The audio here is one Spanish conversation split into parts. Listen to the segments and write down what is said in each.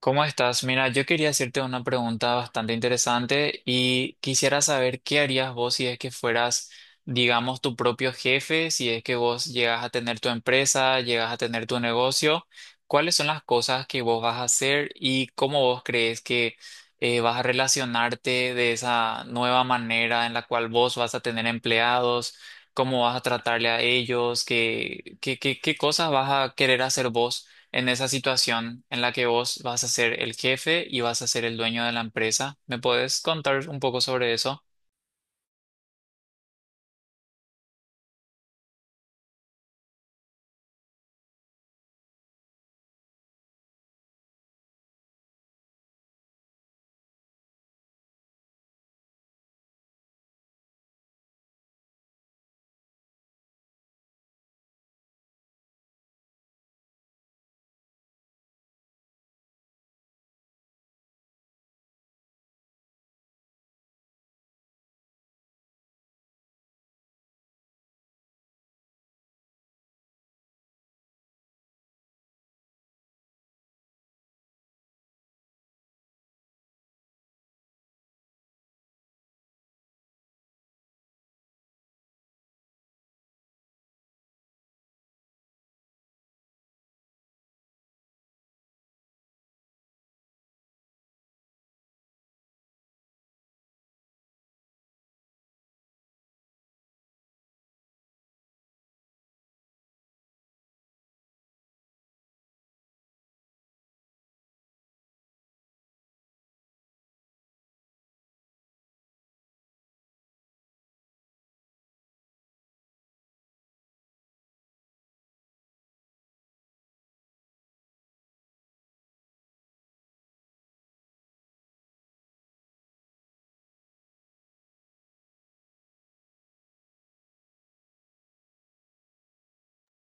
¿Cómo estás? Mira, yo quería hacerte una pregunta bastante interesante y quisiera saber qué harías vos si es que fueras, digamos, tu propio jefe, si es que vos llegas a tener tu empresa, llegas a tener tu negocio. ¿Cuáles son las cosas que vos vas a hacer y cómo vos crees que vas a relacionarte de esa nueva manera en la cual vos vas a tener empleados, cómo vas a tratarle a ellos, qué cosas vas a querer hacer vos en esa situación en la que vos vas a ser el jefe y vas a ser el dueño de la empresa? ¿Me puedes contar un poco sobre eso?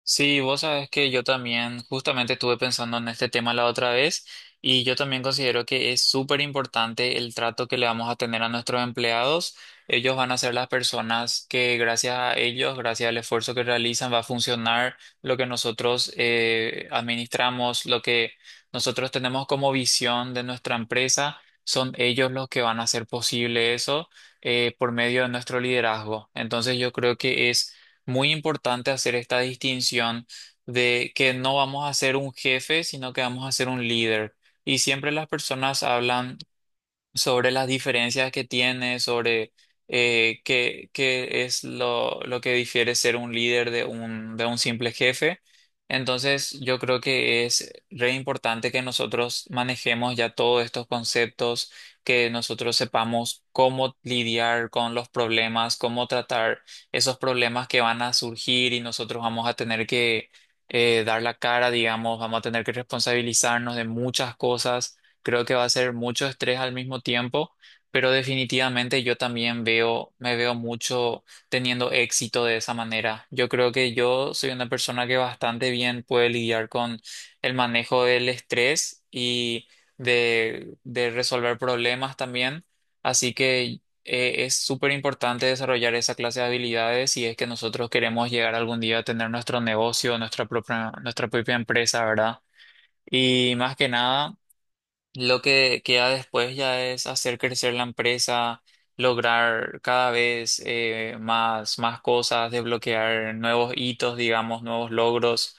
Sí, vos sabes que yo también justamente estuve pensando en este tema la otra vez y yo también considero que es súper importante el trato que le vamos a tener a nuestros empleados. Ellos van a ser las personas que gracias a ellos, gracias al esfuerzo que realizan, va a funcionar lo que nosotros administramos, lo que nosotros tenemos como visión de nuestra empresa. Son ellos los que van a hacer posible eso por medio de nuestro liderazgo. Entonces yo creo que es muy importante hacer esta distinción de que no vamos a ser un jefe, sino que vamos a ser un líder. Y siempre las personas hablan sobre las diferencias que tiene, sobre qué es lo que difiere ser un líder de un simple jefe. Entonces, yo creo que es re importante que nosotros manejemos ya todos estos conceptos, que nosotros sepamos cómo lidiar con los problemas, cómo tratar esos problemas que van a surgir y nosotros vamos a tener que dar la cara, digamos, vamos a tener que responsabilizarnos de muchas cosas. Creo que va a ser mucho estrés al mismo tiempo, pero definitivamente yo también veo, me veo mucho teniendo éxito de esa manera. Yo creo que yo soy una persona que bastante bien puede lidiar con el manejo del estrés y de resolver problemas también. Así que es súper importante desarrollar esa clase de habilidades si es que nosotros queremos llegar algún día a tener nuestro negocio, nuestra propia empresa, ¿verdad? Y más que nada, lo que queda después ya es hacer crecer la empresa, lograr cada vez más cosas, desbloquear nuevos hitos, digamos, nuevos logros.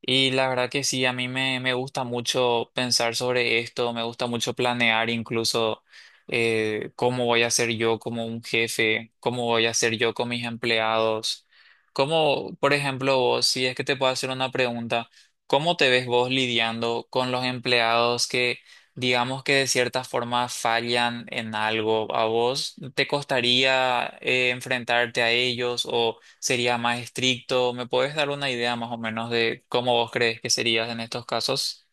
Y la verdad que sí, a mí me gusta mucho pensar sobre esto, me gusta mucho planear incluso cómo voy a ser yo como un jefe, cómo voy a ser yo con mis empleados. Cómo, por ejemplo, vos, si es que te puedo hacer una pregunta, ¿cómo te ves vos lidiando con los empleados que, digamos, que de cierta forma fallan en algo? ¿A vos te costaría enfrentarte a ellos o sería más estricto? ¿Me puedes dar una idea más o menos de cómo vos crees que serías en estos casos?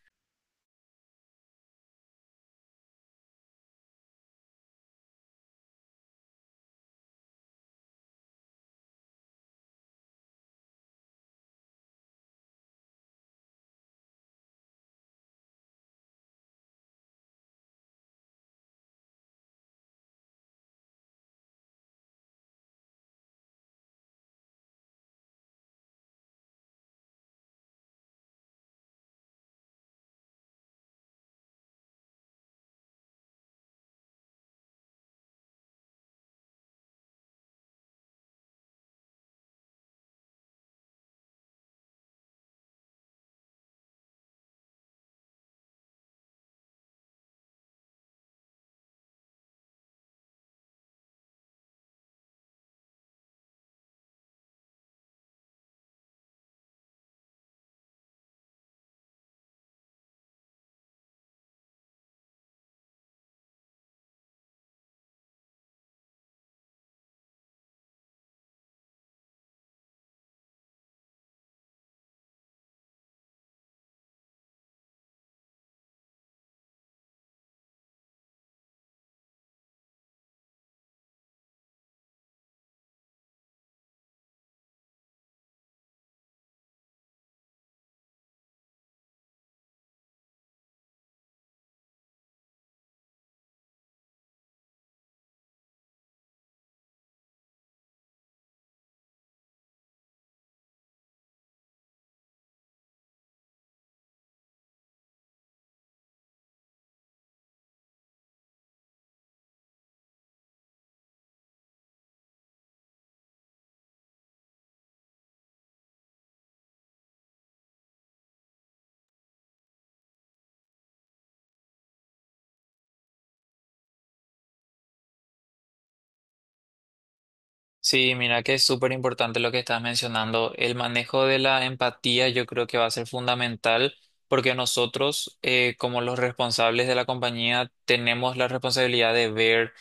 Sí, mira que es súper importante lo que estás mencionando. El manejo de la empatía yo creo que va a ser fundamental porque nosotros, como los responsables de la compañía, tenemos la responsabilidad de ver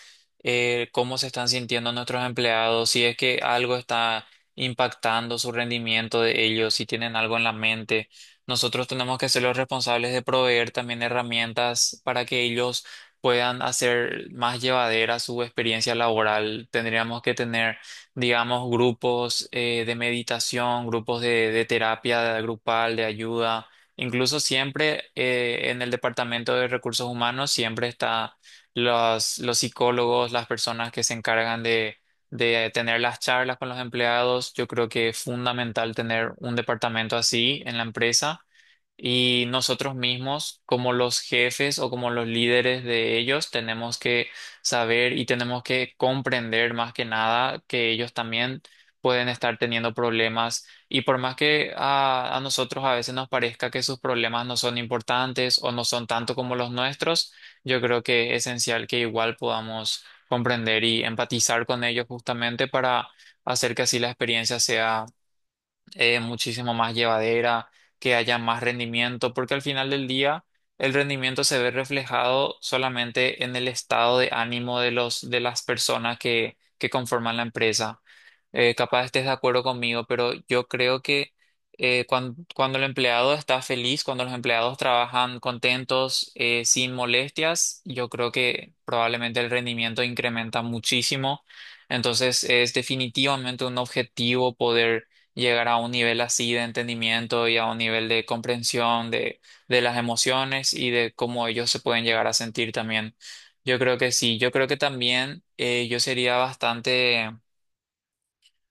cómo se están sintiendo nuestros empleados, si es que algo está impactando su rendimiento de ellos, si tienen algo en la mente. Nosotros tenemos que ser los responsables de proveer también herramientas para que ellos puedan hacer más llevadera su experiencia laboral. Tendríamos que tener, digamos, grupos de meditación, grupos de terapia grupal, de ayuda. Incluso siempre en el Departamento de Recursos Humanos siempre está los psicólogos, las personas que se encargan de tener las charlas con los empleados. Yo creo que es fundamental tener un departamento así en la empresa y nosotros mismos, como los jefes o como los líderes de ellos, tenemos que saber y tenemos que comprender más que nada que ellos también pueden estar teniendo problemas. Y por más que a nosotros a veces nos parezca que sus problemas no son importantes o no son tanto como los nuestros, yo creo que es esencial que igual podamos comprender y empatizar con ellos justamente para hacer que así la experiencia sea muchísimo más llevadera, que haya más rendimiento, porque al final del día el rendimiento se ve reflejado solamente en el estado de ánimo de los, de las personas que conforman la empresa. Capaz estés de acuerdo conmigo, pero yo creo que cuando el empleado está feliz, cuando los empleados trabajan contentos, sin molestias, yo creo que probablemente el rendimiento incrementa muchísimo. Entonces es definitivamente un objetivo poder llegar a un nivel así de entendimiento y a un nivel de comprensión de las emociones y de cómo ellos se pueden llegar a sentir también. Yo creo que sí, yo creo que también yo sería bastante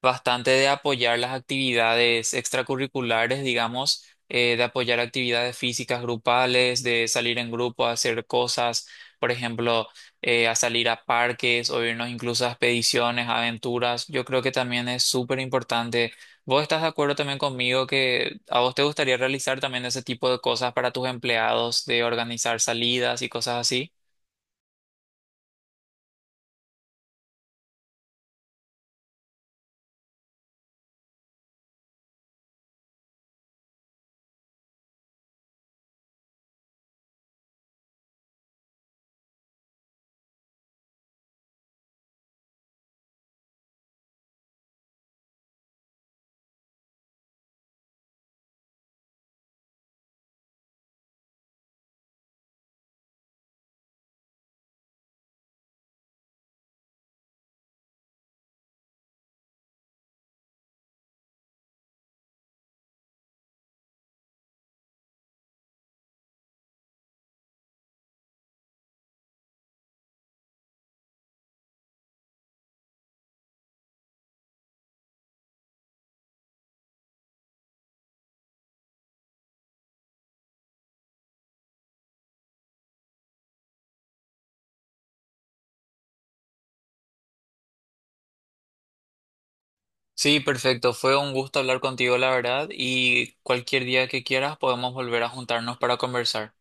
bastante de apoyar las actividades extracurriculares, digamos, de apoyar actividades físicas grupales, de salir en grupo a hacer cosas, por ejemplo, a salir a parques o irnos incluso a expediciones, aventuras. Yo creo que también es súper importante. ¿Vos estás de acuerdo también conmigo que a vos te gustaría realizar también ese tipo de cosas para tus empleados, de organizar salidas y cosas así? Sí, perfecto. Fue un gusto hablar contigo, la verdad, y cualquier día que quieras podemos volver a juntarnos para conversar.